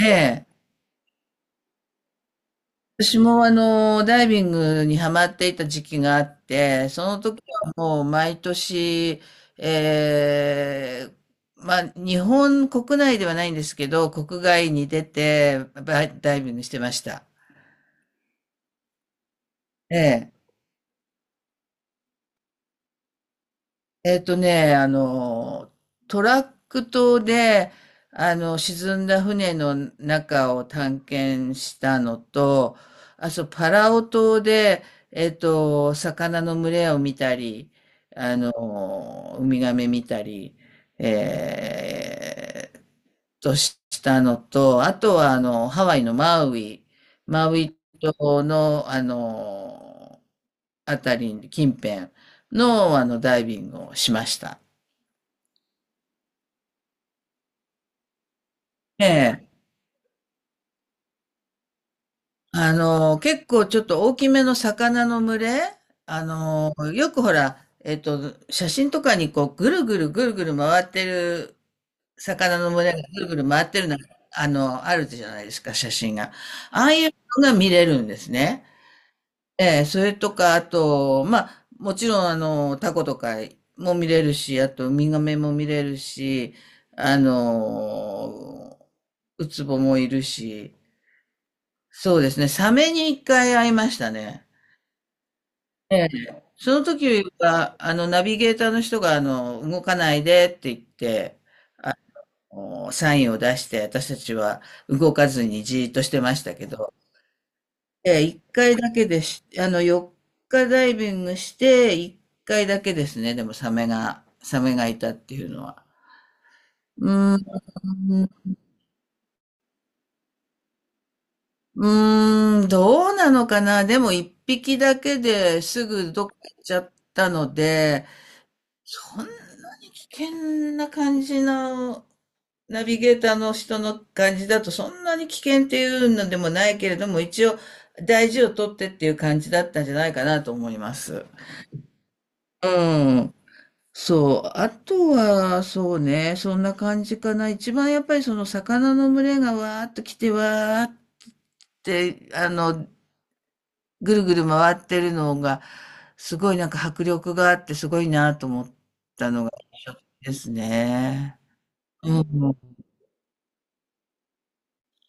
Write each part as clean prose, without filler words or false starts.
ええ。私もダイビングにハマっていた時期があって、その時はもう毎年、ええ、まあ、日本国内ではないんですけど、国外に出て、バイダイビングしてました。ええ。えっとね、あの、トラック島で、沈んだ船の中を探検したのと、あ、そう、パラオ島で、魚の群れを見たり、ウミガメ見たり、えーっしたのと、あとは、ハワイのマウイ、マウイ島の、あたり近辺の、ダイビングをしました。ええ。結構ちょっと大きめの魚の群れ、よくほら、写真とかにこう、ぐるぐるぐるぐる回ってる、魚の群れがぐるぐる回ってるのがあるじゃないですか、写真が。ああいうのが見れるんですね。ええ、それとか、あと、まあ、もちろん、タコとかも見れるし、あと、ウミガメも見れるし、あの、ウツボもいるし、そうですね、サメに一回会いましたね。ええ、その時は、ナビゲーターの人が、動かないでって言って、おサインを出して、私たちは動かずにじーっとしてましたけど、ええ、1回だけでしあの、4日ダイビングして、1回だけですね、でもサメがいたっていうのは。うーん、うーん、どうなのかな。でも1匹だけですぐどっか行っちゃったので、そんなに危険な感じの、ナビゲーターの人の感じだと、そんなに危険っていうのでもないけれども、一応大事をとってっていう感じだったんじゃないかなと思います。うん。そう。あとは、そうね、そんな感じかな。一番やっぱりその魚の群れがわーっと来てわーって、ぐるぐる回ってるのが、すごいなんか迫力があってすごいなと思ったのが印象的ですね。うん、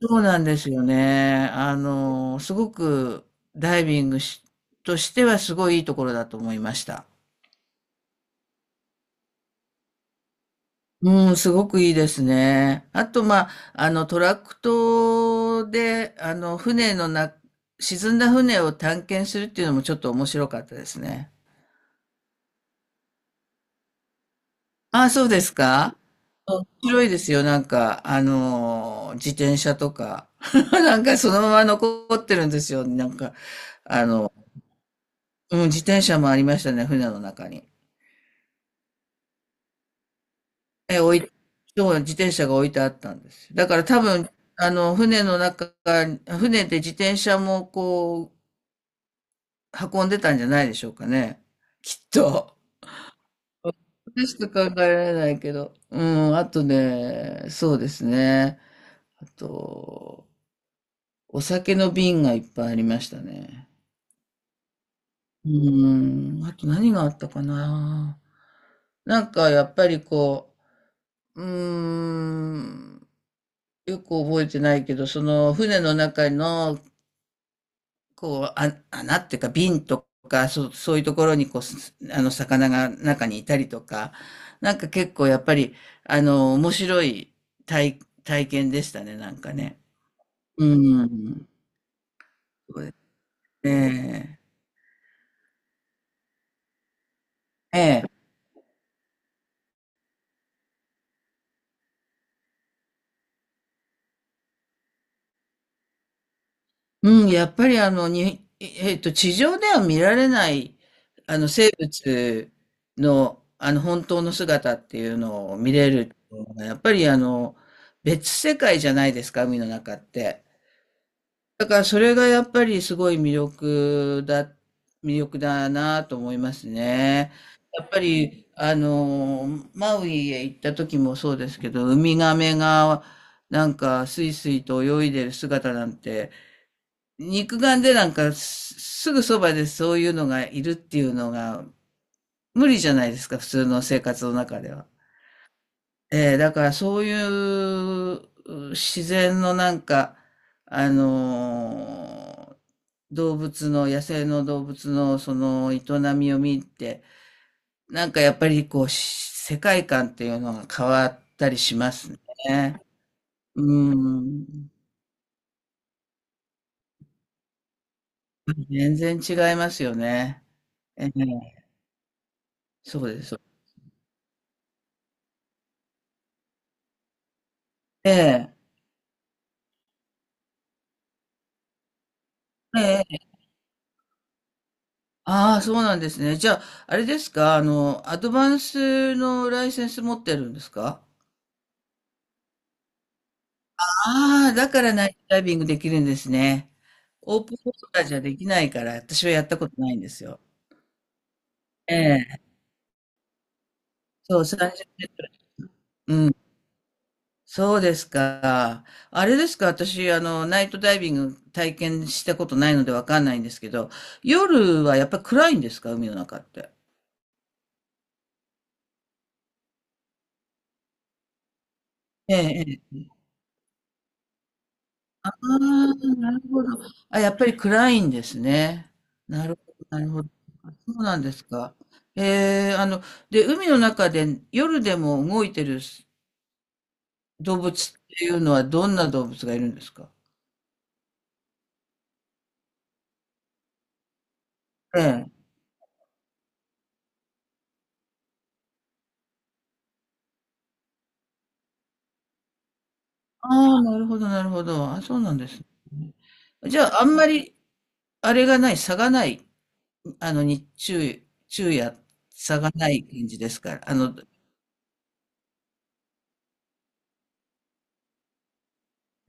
そうなんですよね。すごくダイビングしとしてはすごいいいところだと思いました。うん、すごくいいですね。あと、まあ、トラクトで、船のな、沈んだ船を探検するっていうのもちょっと面白かったですね。ああ、そうですか。面白いですよ。なんか、自転車とか。なんかそのまま残ってるんですよ。なんか、あの、うん、自転車もありましたね、船の中に。え、置い、そう、自転車が置いてあったんですよ。だから多分、船の中、船で自転車もこう、運んでたんじゃないでしょうかね。きっと。私と考えられないけど。うん、あとね、そうですね。あと、お酒の瓶がいっぱいありましたね。うん、あと何があったかな。なんかやっぱりこう、うーん。よく覚えてないけど、その船の中の、こう、あ、穴っていうか瓶とか、そういうところに、こう、すあの、魚が中にいたりとか、なんか結構やっぱり、面白い体験でしたね、なんかね。うん。そうですね。ええ。うん、やっぱりあの、に、えっと、地上では見られない、生物の、本当の姿っていうのを見れるのが、やっぱり別世界じゃないですか、海の中って。だからそれがやっぱりすごい魅力だなと思いますね。やっぱり、マウイへ行った時もそうですけど、ウミガメがなんかスイスイと泳いでる姿なんて、肉眼でなんかすぐそばでそういうのがいるっていうのが無理じゃないですか、普通の生活の中では。だからそういう自然のなんか、あのー動物の、野生の動物のその営みを見て、なんかやっぱりこう、世界観っていうのが変わったりしますね。うん。全然違いますよね。えーそうです。えええああ、そうなんですね。じゃあ、あれですか、アドバンスのライセンス持ってるんですか？ああ、だからナイトダイビングできるんですね。オープンウォーターじゃできないから、私はやったことないんですよ。ええ、そう、30メートル。そうですか。あれですか、私、ナイトダイビング体験したことないのでわかんないんですけど、夜はやっぱり暗いんですか、海の中って？ええ、ああ、なるほど。あ、やっぱり暗いんですね。なるほど、なるほど。あ、そうなんですか。えーあの、で、海の中で夜でも動いてる動物っていうのはどんな動物がいるんですか？ええ。ああ、なるほど、なるほど。あ、そうなんですね。じゃあ、あんまり、あれがない、差がない、日中、昼夜、差がない感じですから。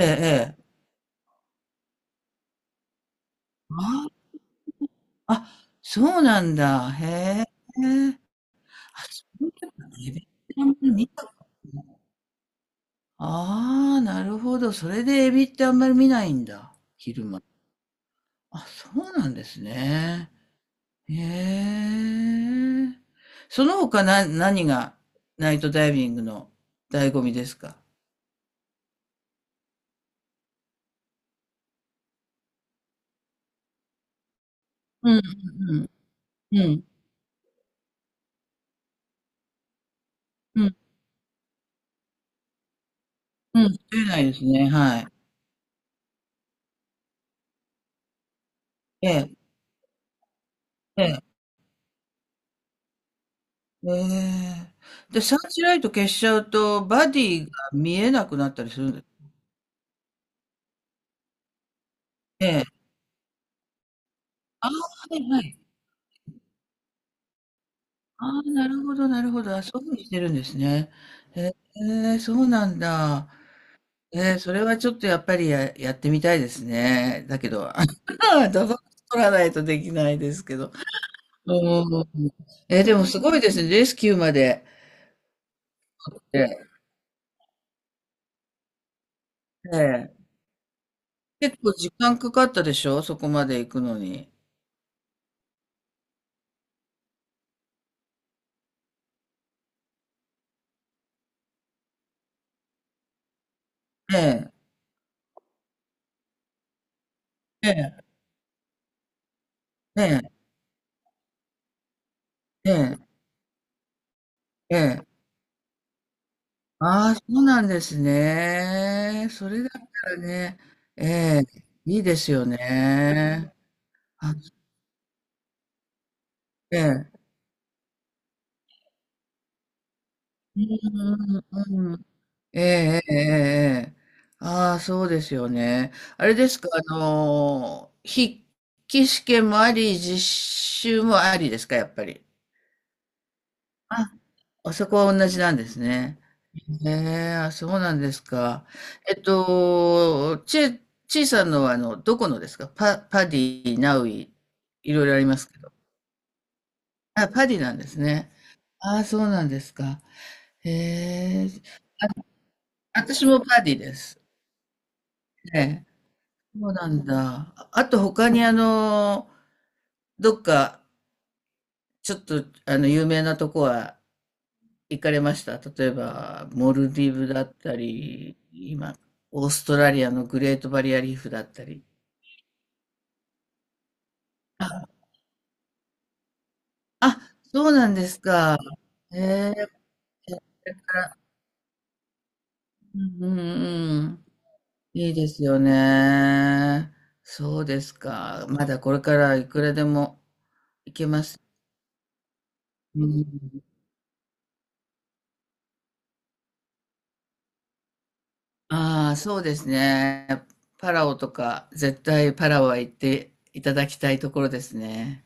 ええ、ええ。ああ、そうなんだ。へえ。あ、そういえばエビってあんまり見た。ああ、なるほど。それでエビってあんまり見ないんだ。昼間。あ、そうなんですね。へえ。その他な、何がナイトダイビングの醍醐味ですか？うん、うん、うん、うん。出ないですね。はい。ええ、ええ、ええ。で、サーチライト消しちゃうと、バディが見えなくなったりするんです。ええ。ああ、はい、はい。ああ、なるほど、なるほど。あ、そういうふうにしてるんですね。へえ、そうなんだ。それはちょっとやっぱりやってみたいですね。だけど、だぞ取らないとできないですけど。うーん。でもすごいですね、レスキューまで。ええ、ええ。結構時間かかったでしょ、そこまで行くのに。ええ、ええ、ええ、ええ、ええ。ああ、そうなんですね。それだったらね、ええ、いいですよね。あって、えうんうんええええええええ。ああ、そうですよね。あれですか、筆記試験もあり、実習もありですか、やっぱり？あ、あそこは同じなんですね。へえ、あ、そうなんですか。えっと、ちちいさんのは、どこのですか、パディ、ナウイ、いろいろありますけど？あ、パディなんですね。ああ、そうなんですか。へえ、私もパディです。ええ、そうなんだ。ああと他にどっか、ちょっと有名なとこは行かれました？例えば、モルディブだったり、今、オーストラリアのグレートバリアリーフだったり。あ、あ、そうなんですか。ええ、これから。うんうんうん。いいですよね。そうですか。まだこれからいくらでも行けます。うん。ああ、そうですね。パラオとか、絶対パラオは行っていただきたいところですね。